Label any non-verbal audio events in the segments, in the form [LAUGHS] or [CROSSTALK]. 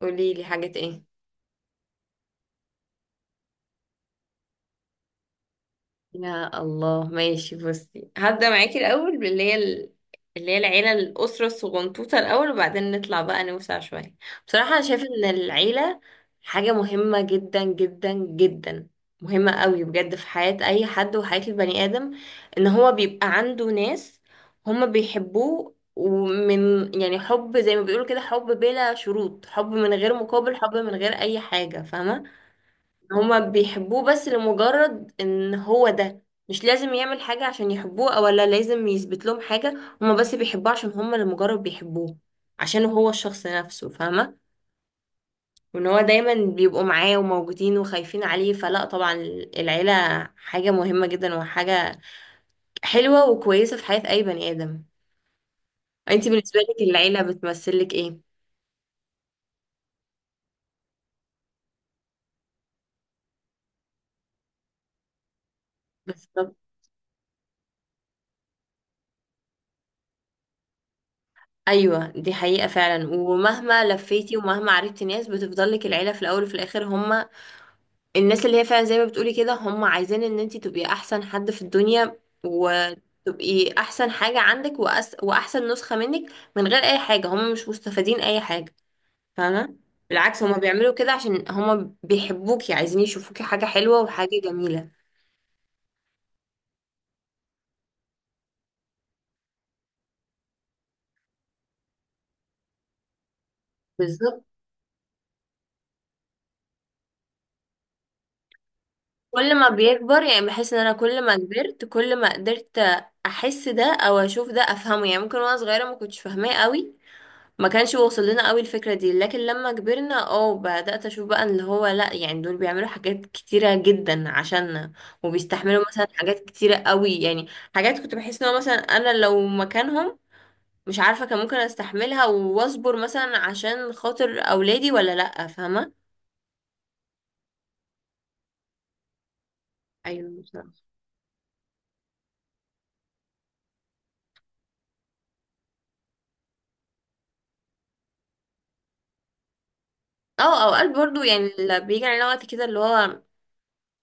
قولي لي حاجات ايه؟ يا الله، ماشي. بصي، هبدأ معاكي الأول اللي هي العيلة، الأسرة الصغنطوطة الأول، وبعدين نطلع بقى نوسع شوية. بصراحة أنا شايفة إن العيلة حاجة مهمة جدا جدا جدا، مهمة قوي بجد في حياة أي حد وحياة البني آدم. إن هو بيبقى عنده ناس هما بيحبوه، يعني حب زي ما بيقولوا كده، حب بلا شروط، حب من غير مقابل، حب من غير أي حاجة. فاهمة؟ هما بيحبوه بس لمجرد ان هو ده. مش لازم يعمل حاجة عشان يحبوه، او لا لازم يثبت لهم حاجة. هما بس بيحبوه عشان هما، لمجرد بيحبوه عشان هو الشخص نفسه. فاهمة؟ وان هو دايما بيبقوا معاه وموجودين وخايفين عليه. فلا، طبعا العيلة حاجة مهمة جدا، وحاجة حلوة وكويسة في حياة اي بني ادم. انتي بالنسبة لك العيلة بتمثلك ايه؟ بالظبط. ايوه، دي حقيقة فعلا. ومهما لفيتي ومهما عرفتي ناس، بتفضل لك العيلة في الاول وفي الاخر. هما الناس اللي هي فعلا زي ما بتقولي كده، هم عايزين ان انتي تبقي احسن حد في الدنيا، وتبقي احسن حاجة عندك، واحسن نسخة منك، من غير اي حاجة. هم مش مستفادين اي حاجة. فاهمة؟ بالعكس، هم بيعملوا كده عشان هم بيحبوكي، عايزين يشوفوكي حاجة حلوة وحاجة جميلة. بالظبط. كل ما بيكبر يعني، بحس ان انا كل ما كبرت، كل ما قدرت احس ده او اشوف ده افهمه. يعني ممكن وانا صغيرة ما كنتش فاهماه قوي، ما كانش واصل لنا قوي الفكرة دي. لكن لما كبرنا، اه بدأت اشوف بقى اللي هو لا، يعني دول بيعملوا حاجات كتيرة جدا عشاننا، وبيستحملوا مثلا حاجات كتيرة قوي يعني. حاجات كنت بحس ان هو مثلا انا لو مكانهم، مش عارفة كان ممكن استحملها واصبر مثلا عشان خاطر اولادي ولا لا. فاهمة؟ ايوه، بصراحة. اه، اوقات برضو يعني اللي بيجي علينا وقت كده اللي هو،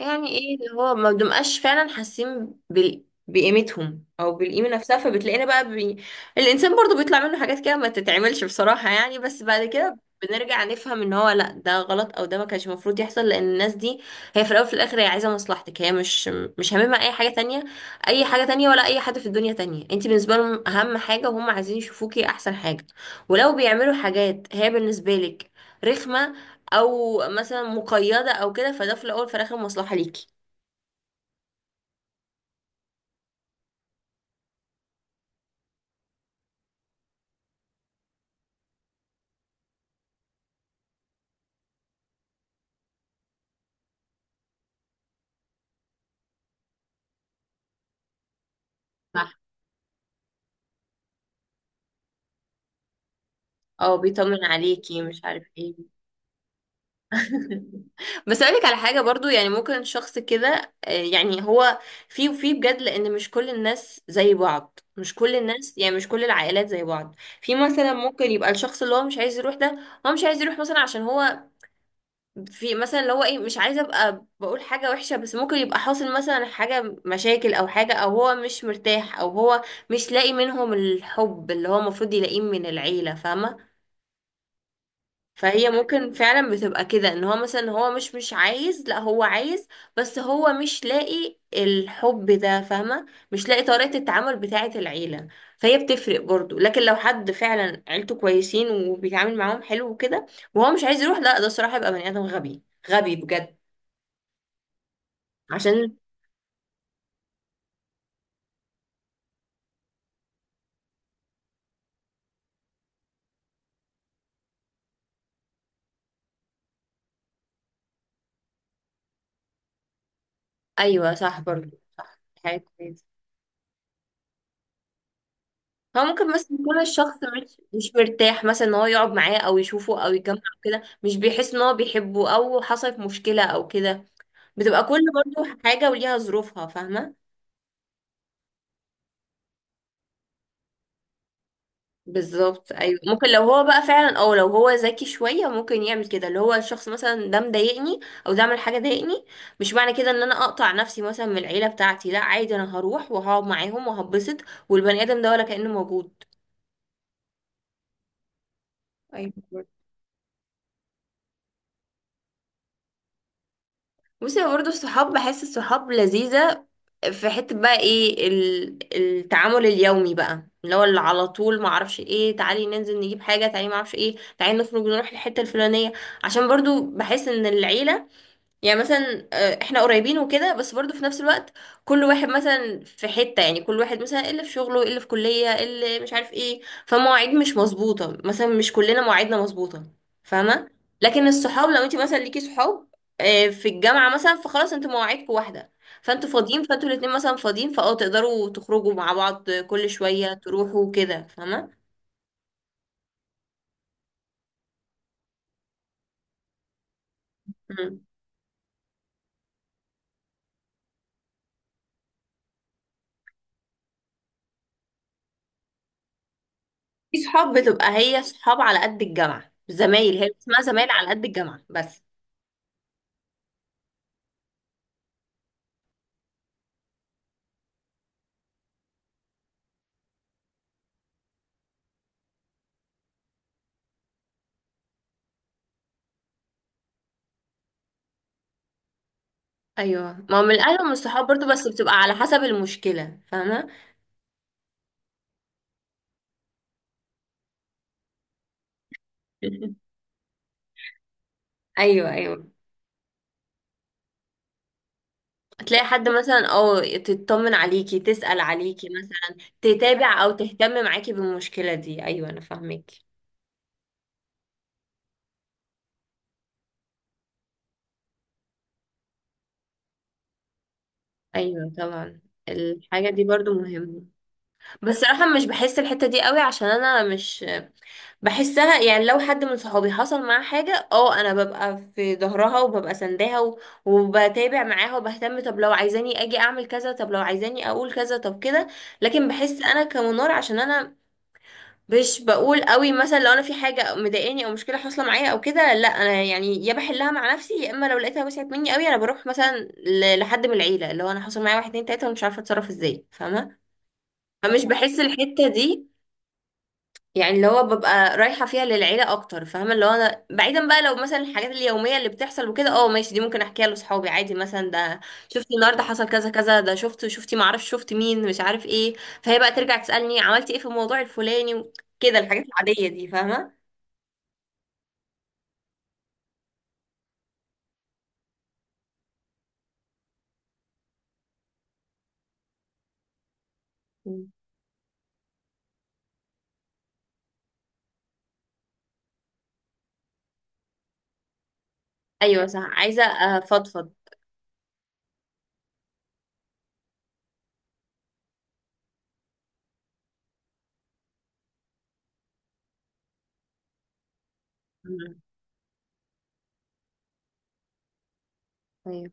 يعني ايه، اللي هو ما بنبقاش فعلا حاسين بقيمتهم او بالقيمه نفسها، فبتلاقينا بقى الانسان برضو بيطلع منه حاجات كده ما تتعملش بصراحه يعني. بس بعد كده بنرجع نفهم ان هو لا، ده غلط او ده ما كانش المفروض يحصل. لان الناس دي هي في الاول وفي الاخر هي عايزه مصلحتك. هي مش هاممها اي حاجه تانية، اي حاجه تانية ولا اي حد في الدنيا تانية. انت بالنسبه لهم اهم حاجه، وهم عايزين يشوفوكي احسن حاجه. ولو بيعملوا حاجات هي بالنسبه لك رخمه، او مثلا مقيده او كده، فده في الاول في الاخر مصلحه ليكي. صح. اه، بيطمن عليكي، مش عارف ايه. [LAUGHS] بس اقولك على حاجه برضو يعني. ممكن شخص كده، يعني هو في بجد. لان مش كل الناس زي بعض، مش كل الناس يعني، مش كل العائلات زي بعض. في مثلا ممكن يبقى الشخص اللي هو مش عايز يروح ده. هو مش عايز يروح مثلا عشان هو، في مثلا اللي هو ايه، مش عايزه ابقى بقول حاجه وحشه، بس ممكن يبقى حاصل مثلا حاجه، مشاكل او حاجه، او هو مش مرتاح، او هو مش لاقي منهم الحب اللي هو المفروض يلاقيه من العيله. فاهمه؟ فهي ممكن فعلا بتبقى كده ان هو مثلا هو مش عايز، لا هو عايز، بس هو مش لاقي الحب ده. فاهمه؟ مش لاقي طريقه التعامل بتاعه العيله. فهي بتفرق برضو. لكن لو حد فعلا عيلته كويسين وبيتعامل معاهم حلو وكده، وهو مش عايز يروح، لا ده الصراحه يبقى بني ادم غبي. غبي بجد. عشان. ايوه صح برضه. صح، حاجه كويسه. هو ممكن مثلا يكون الشخص مش مرتاح مثلا ان هو يقعد معاه او يشوفه او يجمعه كده، مش بيحس ان هو بيحبه، او حصلت مشكله او كده. بتبقى كل برضه حاجه وليها ظروفها. فاهمه؟ بالظبط. ايوه، ممكن لو هو بقى فعلا، او لو هو ذكي شويه ممكن يعمل كده. اللي هو الشخص مثلا ده مضايقني، او ده عمل حاجه ضايقني، مش معنى كده ان انا اقطع نفسي مثلا من العيله بتاعتي. لا، عادي انا هروح وهقعد معاهم وهبسط، والبني ادم ده ولا كانه موجود. ايوه. بصي، هو برضه الصحاب، بحس الصحاب لذيذة في حتة بقى. ايه التعامل اليومي بقى اللي هو، اللي على طول ما اعرفش ايه، تعالي ننزل نجيب حاجة، تعالي ما اعرفش ايه، تعالي نخرج نروح الحتة الفلانية. عشان برضه بحس ان العيلة يعني، مثلا احنا قريبين وكده، بس برضو في نفس الوقت كل واحد مثلا في حتة، يعني كل واحد مثلا اللي في شغله، اللي في كلية، اللي مش عارف ايه. فمواعيد مش مظبوطة مثلا، مش كلنا مواعيدنا مظبوطة. فاهمة؟ لكن الصحاب لو انت مثلا ليكي صحاب، في الجامعة مثلا، فخلاص انتوا مواعيدكم واحدة، فانتوا فاضيين، فانتوا الاتنين مثلا فاضيين، فاه تقدروا تخرجوا مع بعض كل شوية تروحوا كده. فاهمة؟ مم. في صحاب بتبقى هي صحاب على قد الجامعة، زمايل هي اسمها، زمايل على قد الجامعة بس. ايوه، ما هو من الاهل ومن الصحاب برضو، بس بتبقى على حسب المشكله. فاهمه؟ [LAUGHS] ايوه ايوه. تلاقي حد مثلا او تطمن عليكي، تسأل عليكي مثلا، تتابع او تهتم معاكي بالمشكله دي. ايوه، انا فاهمك. ايوه طبعا. الحاجه دي برضو مهمه. بس صراحه مش بحس الحته دي قوي، عشان انا مش بحسها. يعني لو حد من صحابي حصل معاه حاجة، اه انا ببقى في ظهرها وببقى سنداها، وبتابع معاها وبهتم. طب لو عايزاني اجي اعمل كذا، طب لو عايزاني اقول كذا، طب كده. لكن بحس انا كمنار عشان انا مش بقول قوي مثلا. لو انا في حاجة مضايقاني او مشكلة حاصلة معايا او كده، لا انا يعني يا بحلها مع نفسي، يا اما لو لقيتها وسعت مني قوي انا بروح مثلا لحد من العيلة، اللي هو انا حصل معايا واحد اتنين تلاتة ومش عارفة اتصرف ازاي. فاهمة؟ فمش بحس الحتة دي يعني، اللي هو ببقى رايحة فيها للعيلة أكتر. فاهمة؟ اللي هو أنا بعيدا بقى، لو مثلا الحاجات اليومية اللي بتحصل وكده، اه ماشي دي ممكن أحكيها لأصحابي عادي مثلا. ده شفتي النهاردة حصل كذا كذا، ده شفتي معرفش شفت مين مش عارف ايه. فهي بقى ترجع تسألني عملتي ايه في الموضوع الفلاني وكده، الحاجات العادية دي. فاهمة؟ مم. أيوة صح، عايزة أفضفض. مم. أيوة.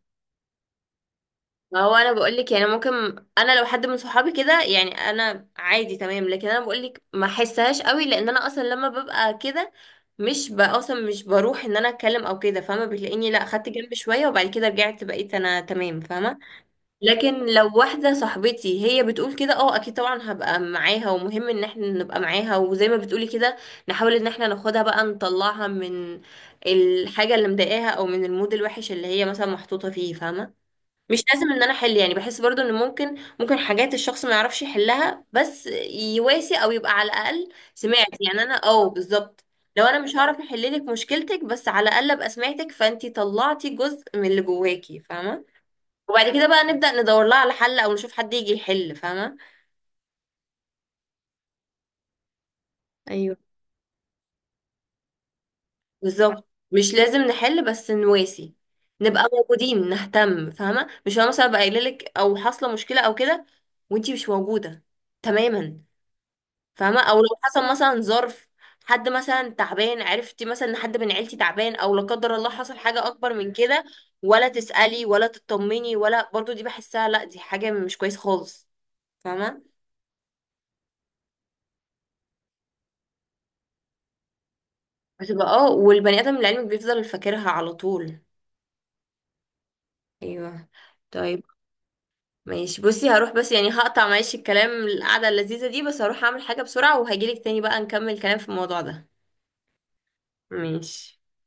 ما هو انا بقول لك يعني ممكن، انا لو حد من صحابي كده يعني انا عادي تمام. لكن انا بقول لك ما احسهاش قوي، لان انا اصلا لما ببقى كده مش ب- اصلا مش بروح ان انا اتكلم او كده. فاهمه؟ بتلاقيني لا، خدت جنب شويه، وبعد كده رجعت بقيت انا تمام. فاهمه؟ لكن لو واحده صاحبتي هي بتقول كده، اه اكيد طبعا هبقى معاها، ومهم ان احنا نبقى معاها. وزي ما بتقولي كده نحاول ان احنا ناخدها بقى نطلعها من الحاجه اللي مضايقاها، او من المود الوحش اللي هي مثلا محطوطه فيه. فاهمه؟ مش لازم ان انا احل. يعني بحس برضو ان ممكن، حاجات الشخص ما يعرفش يحلها، بس يواسي، او يبقى على الاقل سمعت. يعني انا اه بالظبط. لو انا مش هعرف احل لك مشكلتك، بس على الاقل ابقى سمعتك، فانتي طلعتي جزء من اللي جواكي. فاهمه؟ وبعد كده بقى نبدا ندور لها على حل، او نشوف حد يجي يحل. فاهمه؟ ايوه. بالظبط، مش لازم نحل، بس نواسي، نبقى موجودين نهتم. فاهمه؟ مش انا مثلا ابقى قايله لك او حاصله مشكله او كده وانتي مش موجوده تماما. فاهمة؟ او لو حصل مثلا ظرف، حد مثلا تعبان، عرفتي مثلا ان حد من عيلتي تعبان، او لا قدر الله حصل حاجة اكبر من كده، ولا تسألي ولا تطمني ولا، برضو دي بحسها لا، دي حاجة مش كويس خالص. فاهمة؟ بتبقى اه، والبني ادم لعلمك بيفضل فاكرها على طول. ايوه. طيب. ماشي، بصي هروح بس. يعني هقطع معلش الكلام، القعدة اللذيذة دي، بس هروح اعمل حاجة بسرعة وهجيلك تاني بقى نكمل كلام في الموضوع ده. ماشي.